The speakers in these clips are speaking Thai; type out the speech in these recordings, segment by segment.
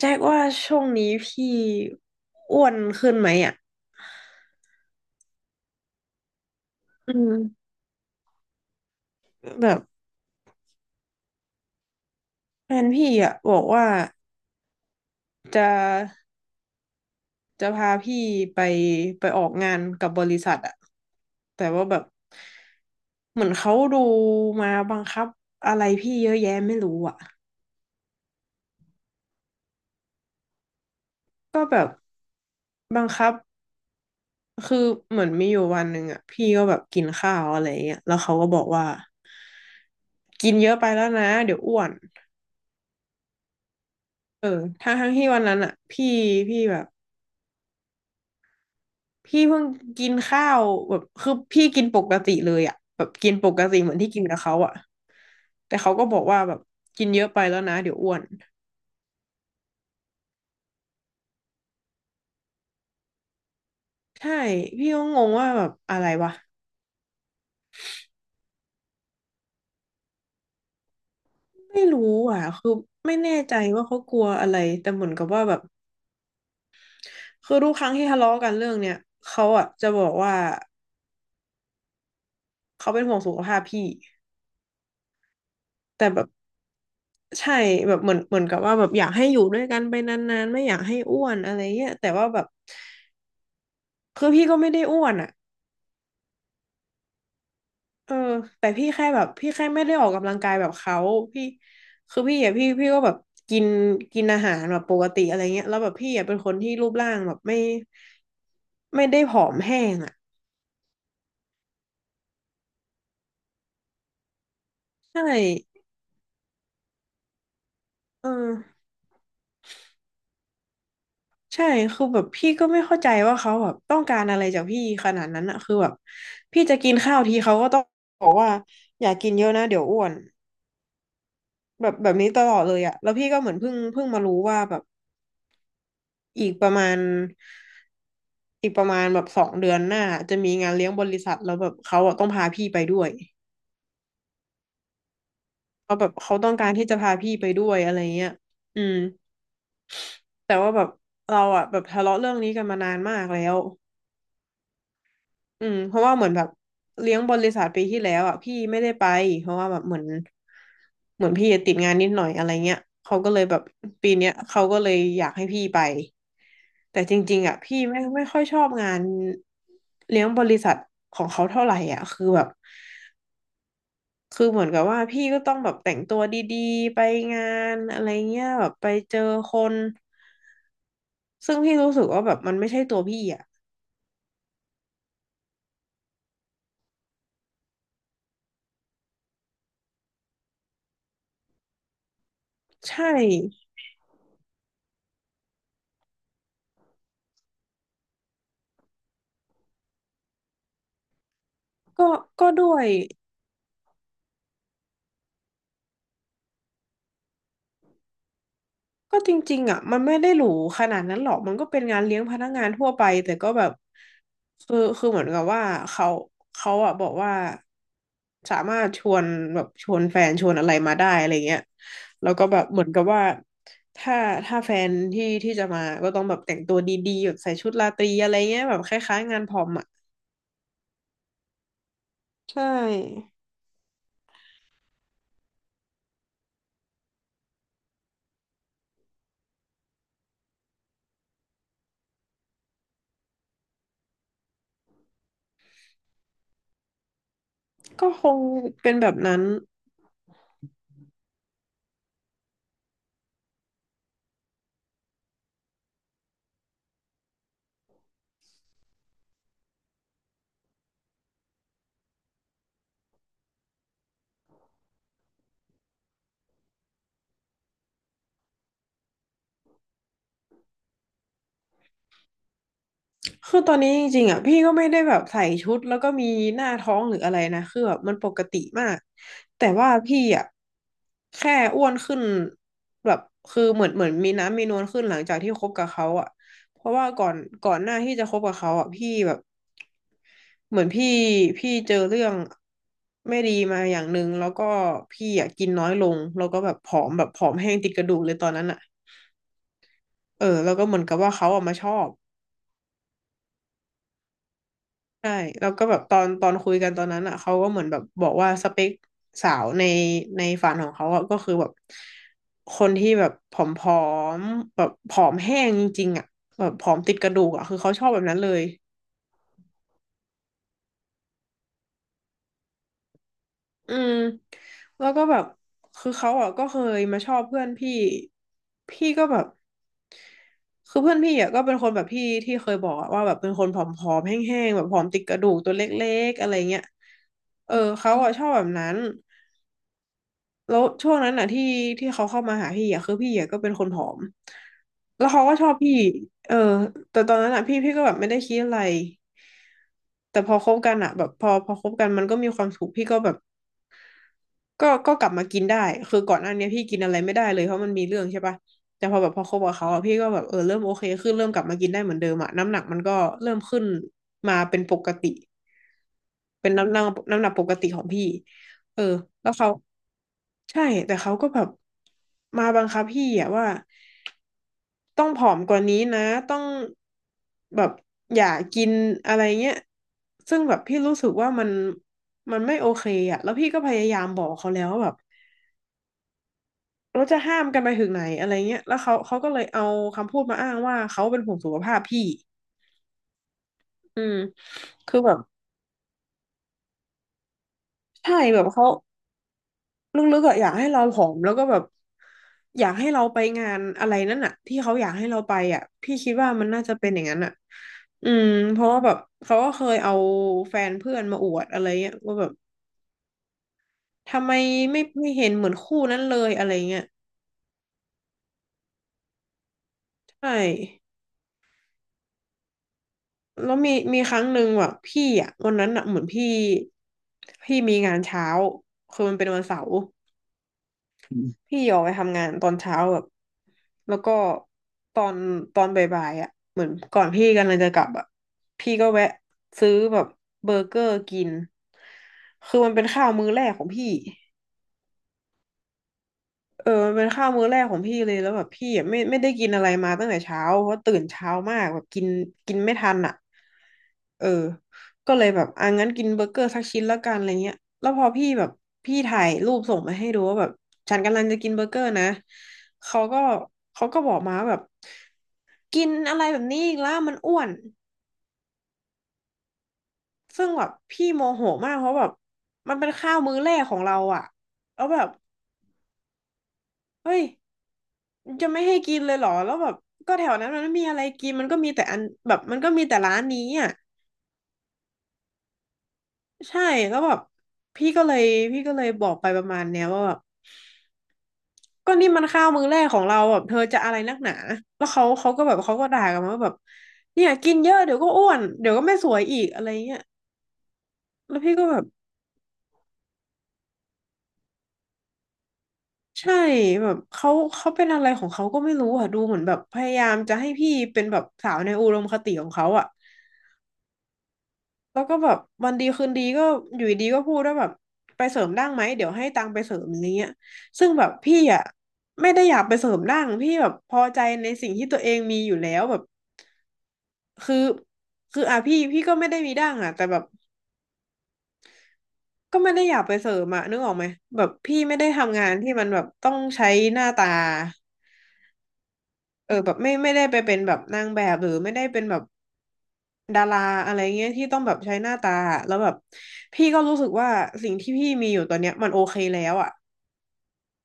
แจ็คว่าช่วงนี้พี่อ้วนขึ้นไหมอ่ะอืมแบบแฟนพี่อ่ะบอกว่าจะจะพาพี่ไปไปออกงานกับบริษัทอ่ะแต่ว่าแบบเหมือนเขาดูมาบังคับอะไรพี่เยอะแยะไม่รู้อ่ะก็แบบบังคับคือเหมือนมีอยู่วันหนึ่งอ่ะพี่ก็แบบกินข้าวอะไรอย่างเงี้ยแล้วเขาก็บอกว่ากินเยอะไปแล้วนะเดี๋ยวอ้วนเออทั้งที่วันนั้นอ่ะพี่แบบ พี่เพิ่งกินข้าวแบบคือพี่กินปกติเลยอ่ะแบบกินปกติเหมือนที่กินกับเขาอ่ะแต่เขาก็บอกว่าแบบกินเยอะไปแล้วนะเดี๋ยวอ้วนใช่พี่ก็งงว่าแบบอะไรวะไม่รู้อ่ะคือไม่แน่ใจว่าเขากลัวอะไรแต่เหมือนกับว่าแบบคือทุกครั้งที่ทะเลาะกันเรื่องเนี้ยเขาอ่ะจะบอกว่าเขาเป็นห่วงสุขภาพพี่แต่แบบใช่แบบเหมือนกับว่าแบบอยากให้อยู่ด้วยกันไปนานๆไม่อยากให้อ้วนอะไรเงี้ยแต่ว่าแบบคือพี่ก็ไม่ได้อ้วนอ่ะ เออแต่พี่แค่แบบพี่แค่ไม่ได้ออกกำลังกายแบบเขาพี่คือพี่อ่ะพี่ก็แบบกินกินอาหารแบบปกติอะไรเงี้ยแล้วแบบพี่อ่ะเป็นคนที่รูปร่างแบบไม่ได้ผอมแห้งอ่ะใช่เออใช่คือแบบพี่ก็ไม่เข้าใจว่าเขาแบบต้องการอะไรจากพี่ขนาดนั้นอะคือแบบพี่จะกินข้าวทีเขาก็ต้องบอกว่าอย่ากินเยอะนะเดี๋ยวอ้วนแบบนี้ตลอดเลยอะแล้วพี่ก็เหมือนเพิ่งมารู้ว่าแบบอีกประมาณ อีกประมาณแบบ2 เดือนหน้าจะมีงานเลี้ยงบริษัทแล้วแบบเขาอะต้องพาพี่ไปด้วยเขาแบบเขาต้องการที่จะพาพี่ไปด้วยอะไรเงี้ยอืมแต่ว่าแบบเราอะแบบทะเลาะเรื่องนี้กันมานานมากแล้วอืมเพราะว่าเหมือนแบบเลี้ยงบริษัทปีที่แล้วอะพี่ไม่ได้ไปเพราะว่าแบบเหมือนพี่ติดงานนิดหน่อยอะไรเงี้ยเขาก็เลยแบบปีเนี้ยเขาก็เลยอยากให้พี่ไปแต่จริงๆอะพี่ไม่ค่อยชอบงานเลี้ยงบริษัทของเขาเท่าไหร่อ่ะคือแบบ คือเหมือนกับว่าพี่ก็ต้องแบบแต่งตัวดีๆไปงานอะไรเงี้ยแบบไปเจอคนซึ่งพี่รู้สึกว่าแบบมันไม่ใช่ตัวพี่อ่ะใช่ก็ก็ด้วย ก็จริงๆอ่ะมันไม่ได้หรูขนาดนั้นหรอกมันก็เป็นงานเลี้ยงพนักงานทั่วไปแต่ก็แบบคือเหมือนกับว่าเขาเขาอ่ะบอกว่าสามารถชวนแบบชวนแฟนชวนอะไรมาได้อะไรเงี้ยแล้วก็แบบเหมือนกับว่าถ้าถ้าแฟนที่จะมาก็ต้องแบบแต่งตัวดีๆแบบใส่ชุดราตรีอะไรเงี้ยแบบคล้ายๆงานพรอมอ่ะใช่ก็คงเป็นแบบนั้น คือตอนนี้จริงๆอ่ะพี่ก็ไม่ได้แบบใส่ชุดแล้วก็มีหน้าท้องหรืออะไรนะคือแบบมันปกติมากแต่ว่าพี่อ่ะแค่อ้วนขึ้นแบบคือเหมือนมีน้ำมีนวลขึ้นหลังจากที่คบกับเขาอ่ะเพราะว่าก่อนหน้าที่จะคบกับเขาอ่ะพี่แบบเหมือนพี่เจอเรื่องไม่ดีมาอย่างหนึ่งแล้วก็พี่อ่ะกินน้อยลงแล้วก็แบบผอมแบบผอมแห้งติดกระดูกเลยตอนนั้นอ่ะเออแล้วก็เหมือนกับว่าเขาออกมาชอบ ใช่แล้วก็แบบตอนคุยกันตอนนั้นอ่ะเขาก็เหมือนแบบบอกว่าสเปคสาวในในฝันของเขาอ่ะก็คือแบบคนที่แบบผอมๆแบบผอมแห้งจริงๆอ่ะแบบผอมติดกระดูกอ่ะคือเขาชอบแบบนั้นเลยอืมแล้วก็แบบคือเขาอ่ะก็เคยมาชอบเพื่อนพี่พี่ก็แบบคือเพื่อนพี่อ่ะก็เป็นคนแบบพี่ที่เคยบอกอะว่าแบบเป็นคนผอมๆแห้งๆแบบผอมติดกระดูกตัวเล็กๆอะไรเงี้ยเออเขาอ่ะชอบแบบนั้น แล้วช่วงนั้นน่ะที่เขาเข้ามาหาพี่อ่ะคือพี่อ่ะก็เป็นคนผอมแล้วเขาก็ชอบพี่เออแต่ตอนนั้นอ่ะพี่ก็แบบไม่ได้คิดอะไรแต่พอคบกันอ่ะแบบพอคบกันมันก็มีความสุขพี่ก็แบบก็กลับมากินได้คือก่อนหน้านี้พี่กินอะไรไม่ได้เลยเพราะมันมีเรื่องใช่ปะแต่พอแบบพอคบกับเขาอ่ะพี่ก็แบบเออเริ่มโอเคขึ้นเริ่มกลับมากินได้เหมือนเดิมอ่ะน้ำหนักมันก็เริ่มขึ้นมาเป็นปกติเป็นน้ำหนักปกติของพี่เออแล้วเขา ใช่แต่เขาก็แบบมาบังคับพี่อะว่าต้องผอมกว่านี้นะต้องแบบอย่ากินอะไรเงี้ยซึ่งแบบพี่รู้สึกว่ามันไม่โอเคอะแล้วพี่ก็พยายามบอกเขาแล้วว่าแบบเราจะห้ามกันไปถึงไหนอะไรเงี้ยแล้วเขาก็เลยเอาคำพูดมาอ้างว่าเขาเป็นห่วงสุขภาพพี่อืมคือแบบใช่แบบเขา ลึกๆอะอยากให้เราผอมแล้วก็แบบอยากให้เราไปงานอะไรนั่นอะที่เขาอยากให้เราไปอะพี่คิดว่ามันน่าจะเป็นอย่างนั้นอะอืมเพราะว่าแบบเขาก็เคยเอาแฟนเพื่อนมาอวดอะไรเงี้ยว่าแบบทำไมไม่เห็นเหมือนคู่นั้นเลยอะไรเงี้ยใช่แล้วมีครั้งหนึ่งแบบพี่อะวันนั้นอะเหมือนพี่พี่มีงานเช้าคือมันเป็นวันเสาร์ พี่ออกไปทำงานตอนเช้าแบบแล้วก็ตอนบ่ายๆอ่ะเหมือนก่อนพี่กำลังจะกลับอ่ะพี่ก็แวะซื้อแบบเบอร์เกอร์กินคือมันเป็นข้าวมื้อแรกของพี่ เออมันเป็นข้าวมื้อแรกของพี่เลยแล้วแบบพี่อะไม่ได้กินอะไรมาตั้งแต่เช้าเพราะตื่นเช้ามากแบบกินกินไม่ทันอ่ะเออก็เลยแบบอ่ะงั้นกินเบอร์เกอร์สักชิ้นแล้วกันอะไรเงี้ยแล้วพอพี่แบบพี่ถ่ายรูปส่งมาให้ดูว่าแบบฉันกำลังจะกินเบอร์เกอร์นะเขาก็บอกมาว่าแบบกินอะไรแบบนี้อีกแล้วมันอ้วนซึ่งแบบพี่โมโหมากเพราะแบบมันเป็นข้าวมื้อแรกของเราอ่ะแล้วแบบเฮ้ย จะไม่ให้กินเลยเหรอ แล้วแบบก็แถวนั้นมันไม่มีอะไรกินมันก็มีแต่อันแบบมันก็มีแต่ร้านนี้อ่ะใช่แล้วแบบพี่ก็เลยพี่ก็เลยบอกไปประมาณเนี้ยว่าแบบก็นี่มันข้าวมื้อแรกของเราแบบเธอจะอะไรนักหนาแล้วเขาเขาก็แบบเขาก็ด่ากันมาว่าแบบเนี่ยกินเยอะเดี๋ยวก็อ้วนเดี๋ยวก็ไม่สวยอีกอะไรเงี้ยแล้วพี่ก็แบบใช่แบบเขาเป็นอะไรของเขาก็ไม่รู้อ่ะดูเหมือนแบบพยายามจะให้พี่เป็นแบบสาวในอุดมคติของเขาอ่ะ แล้วก็แบบวันดีคืนดีก็อยู่ดีก็พูดว่าแบบไปเสริมดั้งไหมเดี๋ยวให้ตังค์ไปเสริมอย่างเงี้ยซึ่งแบบพี่อ่ะไม่ได้อยากไปเสริมดั้งพี่แบบพอใจในสิ่งที่ตัวเองมีอยู่แล้วแบบคือคืออ่ะพี่ก็ไม่ได้มีดั้งอ่ะแต่แบบก็ไม่ได้อยากไปเสริมอ่ะนึกออกไหมแบบพี่ไม่ได้ทำงานที่มันแบบต้องใช้หน้าตาเออแบบไม่ได้ไปเป็นแบบนางแบบหรือไม่ได้เป็นแบบดาราอะไรเงี้ยที่ต้องแบบใช้หน้าตาอะแล้วแบบพี่ก็รู้สึกว่าสิ่งที่พี่มีอยู่ตอนเนี้ยมันโอเคแล้วอ่ะ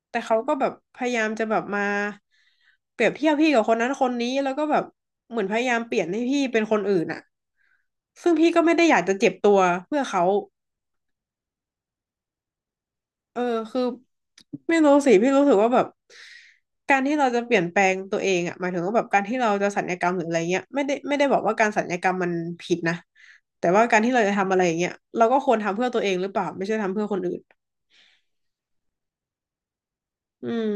แต่เขาก็แบบพยายามจะแบบมาเปรียบเทียบพี่กับคนนั้นคนนี้แล้วก็แบบเหมือนพยายามเปลี่ยนให้พี่เป็นคนอื่นอะซึ่งพี่ก็ไม่ได้อยากจะเจ็บตัวเพื่อเขาเออคือไม่รู้สิพี่รู้สึกว่าแบบการที่เราจะเปลี่ยนแปลงตัวเองอะหมายถึงว่าแบบการที่เราจะสัญญกรรมหรืออะไรเงี้ยไม่ได้บอกว่าการสัญญกรรมมันผิดนะแต่ว่าการที่เราจะทำอะไรอย่างเงี้ยเราก็ควรทำเพื่อตัวเองหรือเปล่าไม่ใช่ทำเพื่อคนอื่นอืม